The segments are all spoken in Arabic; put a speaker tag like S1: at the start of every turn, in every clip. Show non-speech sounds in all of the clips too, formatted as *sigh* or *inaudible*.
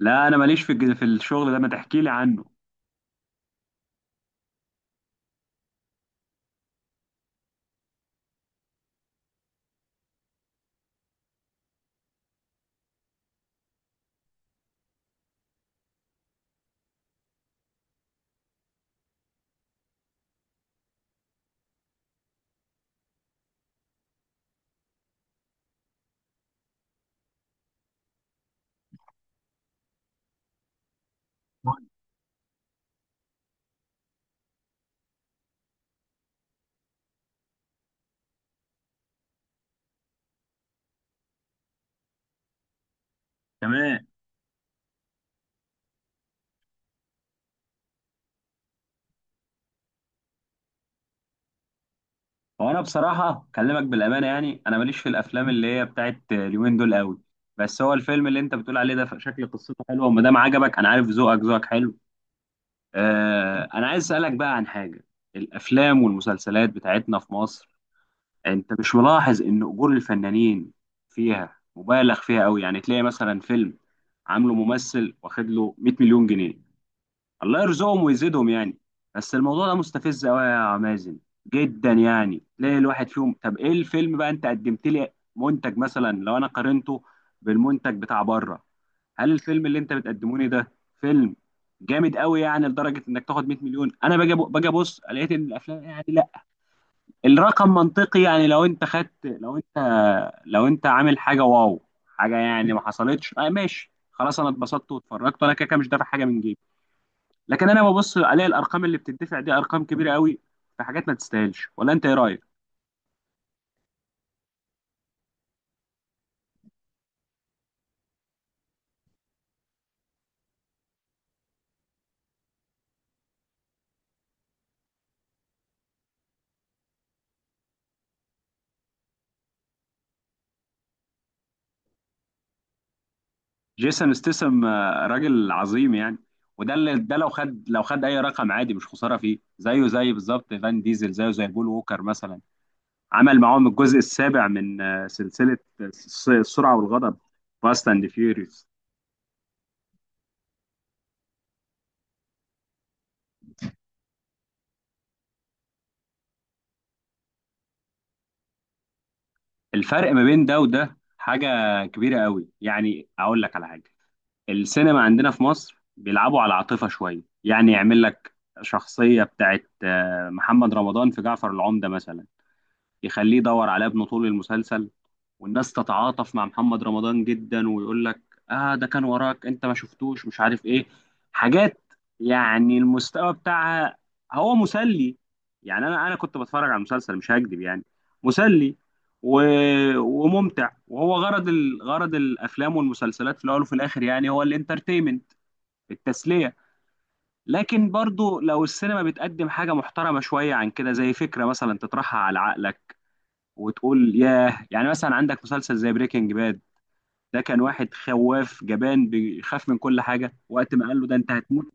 S1: لا، انا ماليش في الشغل ده، ما تحكي لي عنه. تمام. هو انا بصراحه اكلمك بالامانه، يعني انا ماليش في الافلام اللي هي بتاعت اليومين دول قوي. بس هو الفيلم اللي انت بتقول عليه ده شكل قصته حلوه، وما دام عجبك انا عارف ذوقك، ذوقك حلو. انا عايز اسالك بقى عن حاجه. الافلام والمسلسلات بتاعتنا في مصر، انت مش ملاحظ ان اجور الفنانين فيها مبالغ فيها قوي؟ يعني تلاقي مثلا فيلم عامله ممثل واخد له 100 مليون جنيه، الله يرزقهم ويزيدهم يعني. بس الموضوع ده مستفز قوي يا مازن، جدا يعني، ليه الواحد فيهم؟ طب ايه الفيلم بقى؟ انت قدمت لي منتج، مثلا لو انا قارنته بالمنتج بتاع بره، هل الفيلم اللي انت بتقدموني ده فيلم جامد قوي يعني لدرجه انك تاخد 100 مليون؟ انا باجي ابص، لقيت ان الافلام يعني لا، الرقم منطقي، يعني لو انت خدت لو انت لو انت عامل حاجه، واو حاجه، يعني ما حصلتش، ماشي خلاص، انا اتبسطت واتفرجت، انا كده كده مش دافع حاجه من جيبي. لكن انا ببص، الاقي الارقام اللي بتدفع دي ارقام كبيره قوي، في حاجات ما تستاهلش، ولا انت ايه رايك؟ جيسون ستيسم، راجل عظيم يعني، وده اللي ده لو خد اي رقم عادي مش خساره فيه، زيه زي بالظبط فان ديزل، زيه زي بول ووكر مثلا. عمل معاهم الجزء السابع من سلسله السرعه والغضب، فاست اند فيوريوس. الفرق ما بين ده وده حاجه كبيره قوي، يعني اقول لك على حاجه، السينما عندنا في مصر بيلعبوا على العاطفة شوية، يعني يعمل لك شخصية بتاعت محمد رمضان في جعفر العمدة مثلا، يخليه يدور على ابنه طول المسلسل، والناس تتعاطف مع محمد رمضان جدا، ويقول لك اه، ده كان وراك، انت ما شفتوش، مش عارف ايه، حاجات، يعني المستوى بتاعها هو مسلي. يعني انا كنت بتفرج على المسلسل، مش هكذب يعني، مسلي و... وممتع، وهو غرض غرض الافلام والمسلسلات في الاول وفي الاخر، يعني هو الانترتينمنت، التسليه. لكن برضو لو السينما بتقدم حاجه محترمه شويه عن كده، زي فكره مثلا تطرحها على عقلك وتقول ياه، يعني مثلا عندك مسلسل زي بريكنج باد، ده كان واحد خواف جبان بيخاف من كل حاجه، وقت ما قال له ده انت هتموت،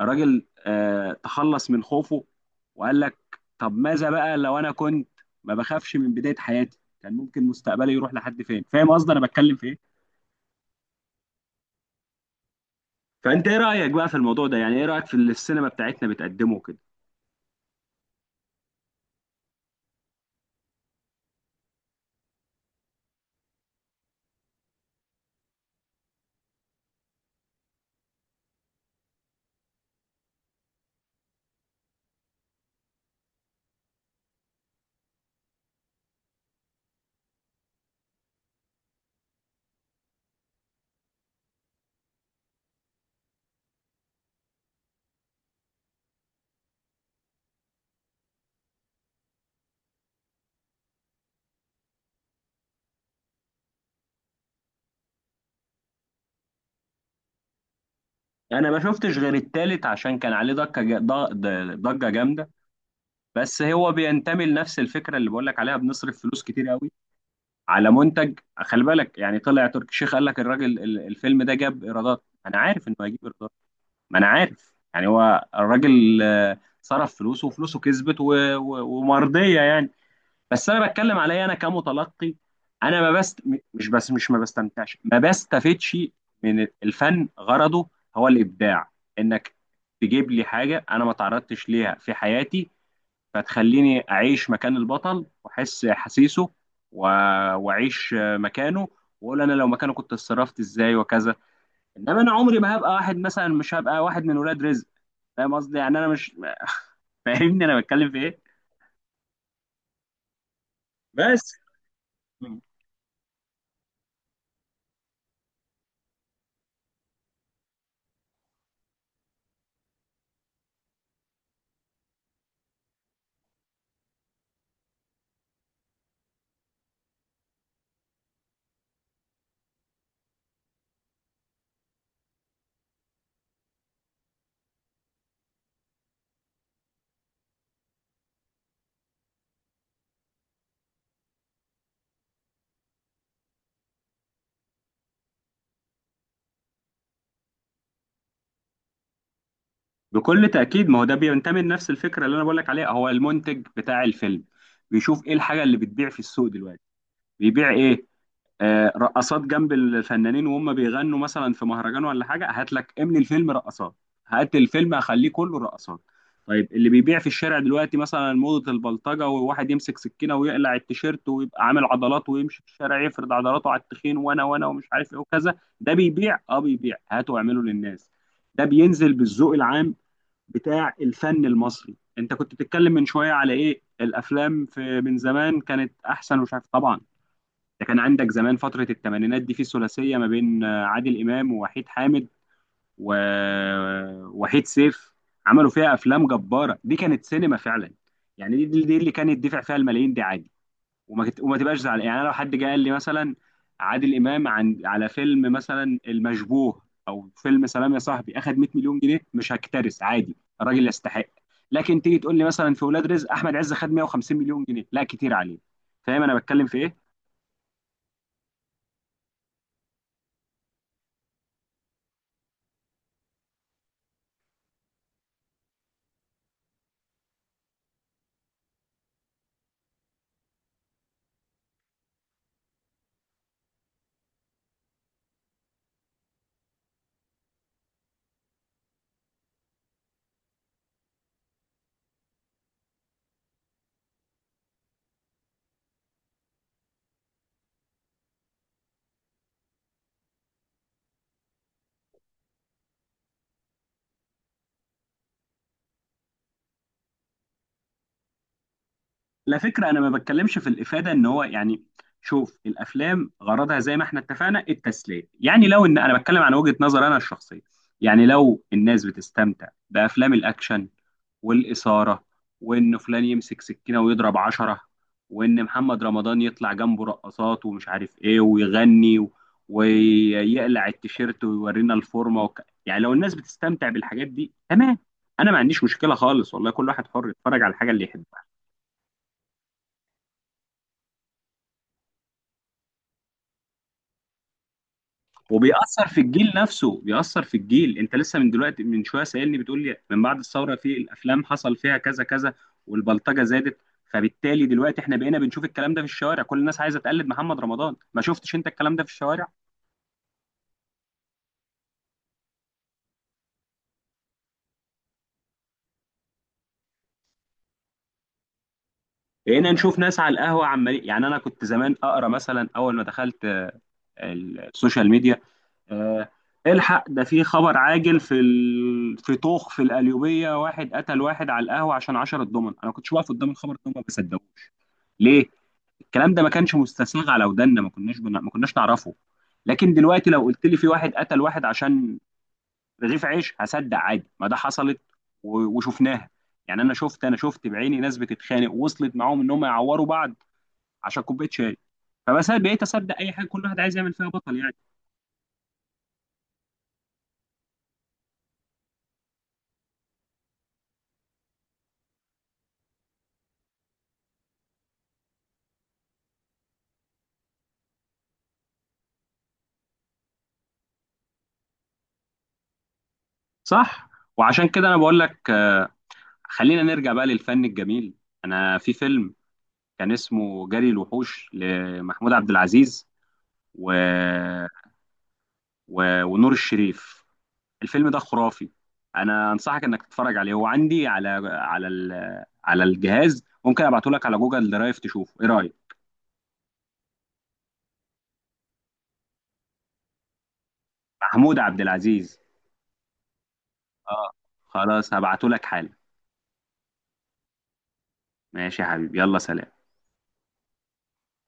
S1: الراجل تخلص من خوفه، وقال لك طب ماذا بقى لو انا كنت ما بخافش من بدايه حياتي، كان ممكن مستقبلي يروح لحد فين؟ فاهم قصدي انا بتكلم في ايه؟ فانت ايه رايك بقى في الموضوع ده؟ يعني ايه رايك في اللي السينما بتاعتنا بتقدمه كده؟ انا ما شفتش غير التالت عشان كان عليه ضجه ضجه جامده. بس هو بينتمي لنفس الفكره اللي بقول لك عليها، بنصرف فلوس كتير قوي على منتج، خلي بالك، يعني طلع تركي الشيخ قال لك الراجل الفيلم ده جاب ايرادات، ما انا عارف انه هيجيب ايرادات، ما انا عارف يعني، هو الراجل صرف فلوسه وفلوسه كسبت ومرضيه يعني. بس انا بتكلم عليا انا كمتلقي، انا ما بست م- مش بس مش ما بستمتعش ما بستفدش من الفن، غرضه هو الابداع، انك تجيب لي حاجه انا ما تعرضتش ليها في حياتي، فتخليني اعيش مكان البطل واحس احاسيسه و- واعيش مكانه، واقول انا لو مكانه كنت اتصرفت ازاي وكذا. انما انا عمري ما هبقى واحد مثلا، مش هبقى واحد من ولاد رزق، فاهم قصدي؟ يعني انا مش. *laughs* فاهمني انا بتكلم في ايه. بس، بكل تاكيد ما هو ده بينتمي لنفس الفكره اللي انا بقول لك عليها، هو المنتج بتاع الفيلم بيشوف ايه الحاجه اللي بتبيع في السوق دلوقتي، بيبيع ايه؟ رقصات جنب الفنانين وهم بيغنوا مثلا في مهرجان ولا حاجه، هات لك املي الفيلم رقصات، هات الفيلم اخليه كله رقصات. طيب اللي بيبيع في الشارع دلوقتي مثلا موضه البلطجه، وواحد يمسك سكينه ويقلع التيشيرت ويبقى عامل عضلات ويمشي في الشارع يفرد عضلاته على التخين، وانا وانا ومش عارف ايه وكذا، ده بيبيع، بيبيع، هاته واعمله للناس، ده بينزل بالذوق العام بتاع الفن المصري. انت كنت بتتكلم من شويه على ايه الافلام في من زمان كانت احسن، ومش عارف طبعا، ده كان عندك زمان فترة الثمانينات دي، في ثلاثية ما بين عادل إمام ووحيد حامد ووحيد سيف، عملوا فيها أفلام جبارة، دي كانت سينما فعلا. يعني دي اللي كانت دفع فيها الملايين دي عادي، وما تبقاش زعلان يعني. أنا لو حد جه قال لي مثلا عادل إمام على فيلم مثلا المشبوه، أو فيلم سلام يا صاحبي، أخد 100 مليون جنيه، مش هكترث عادي، الراجل يستحق. لكن تيجي تقول لي مثلا في ولاد رزق أحمد عز خد 150 مليون جنيه، لا، كتير عليه، فاهم أنا بتكلم في إيه؟ لا، فكرة، أنا ما بتكلمش في الإفادة إن هو يعني، شوف، الأفلام غرضها زي ما إحنا اتفقنا التسلية يعني، لو إن أنا بتكلم عن وجهة نظر أنا الشخصية، يعني لو الناس بتستمتع بأفلام الأكشن والإثارة، وإن فلان يمسك سكينة ويضرب عشرة، وإن محمد رمضان يطلع جنبه رقصات ومش عارف إيه ويغني ويقلع التيشيرت ويورينا الفورمة يعني لو الناس بتستمتع بالحاجات دي تمام، أنا ما عنديش مشكلة خالص، والله كل واحد حر يتفرج على الحاجة اللي يحبها. وبيأثر في الجيل نفسه، بيأثر في الجيل، انت لسه من دلوقتي من شويه سألني، بتقول لي من بعد الثوره في الافلام حصل فيها كذا كذا والبلطجه زادت، فبالتالي دلوقتي احنا بقينا بنشوف الكلام ده في الشوارع، كل الناس عايزه تقلد محمد رمضان، ما شفتش انت الكلام ده في الشوارع؟ بقينا نشوف ناس على القهوه عمال، يعني انا كنت زمان اقرا مثلا اول ما دخلت السوشيال ميديا، آه، الحق ده في خبر عاجل، في طوخ في القليوبيه، واحد قتل واحد على القهوه عشان 10 دومن، انا ما كنتش واقف قدام الخبر ده، ما بصدقوش، ليه؟ الكلام ده ما كانش مستساغ على ودنا، ما كناش نعرفه. لكن دلوقتي لو قلت لي في واحد قتل واحد عشان رغيف عيش، هصدق عادي، ما ده حصلت وشفناها، يعني انا شفت بعيني ناس بتتخانق، وصلت معاهم ان هم يعوروا بعض عشان كوبايه شاي، فبس أنا بقيت اصدق اي حاجه، كل واحد عايز يعمل فيها بطل يعني. صح، وعشان كده انا بقول لك، خلينا نرجع بقى للفن الجميل. انا في فيلم كان اسمه جري الوحوش لمحمود عبد العزيز و... ونور الشريف، الفيلم ده خرافي، انا انصحك انك تتفرج عليه، هو عندي على الجهاز، ممكن ابعته لك على جوجل درايف، تشوفه ايه رايك؟ محمود عبد العزيز. اه خلاص هبعته لك حالا، ماشي يا حبيبي، يلا سلام.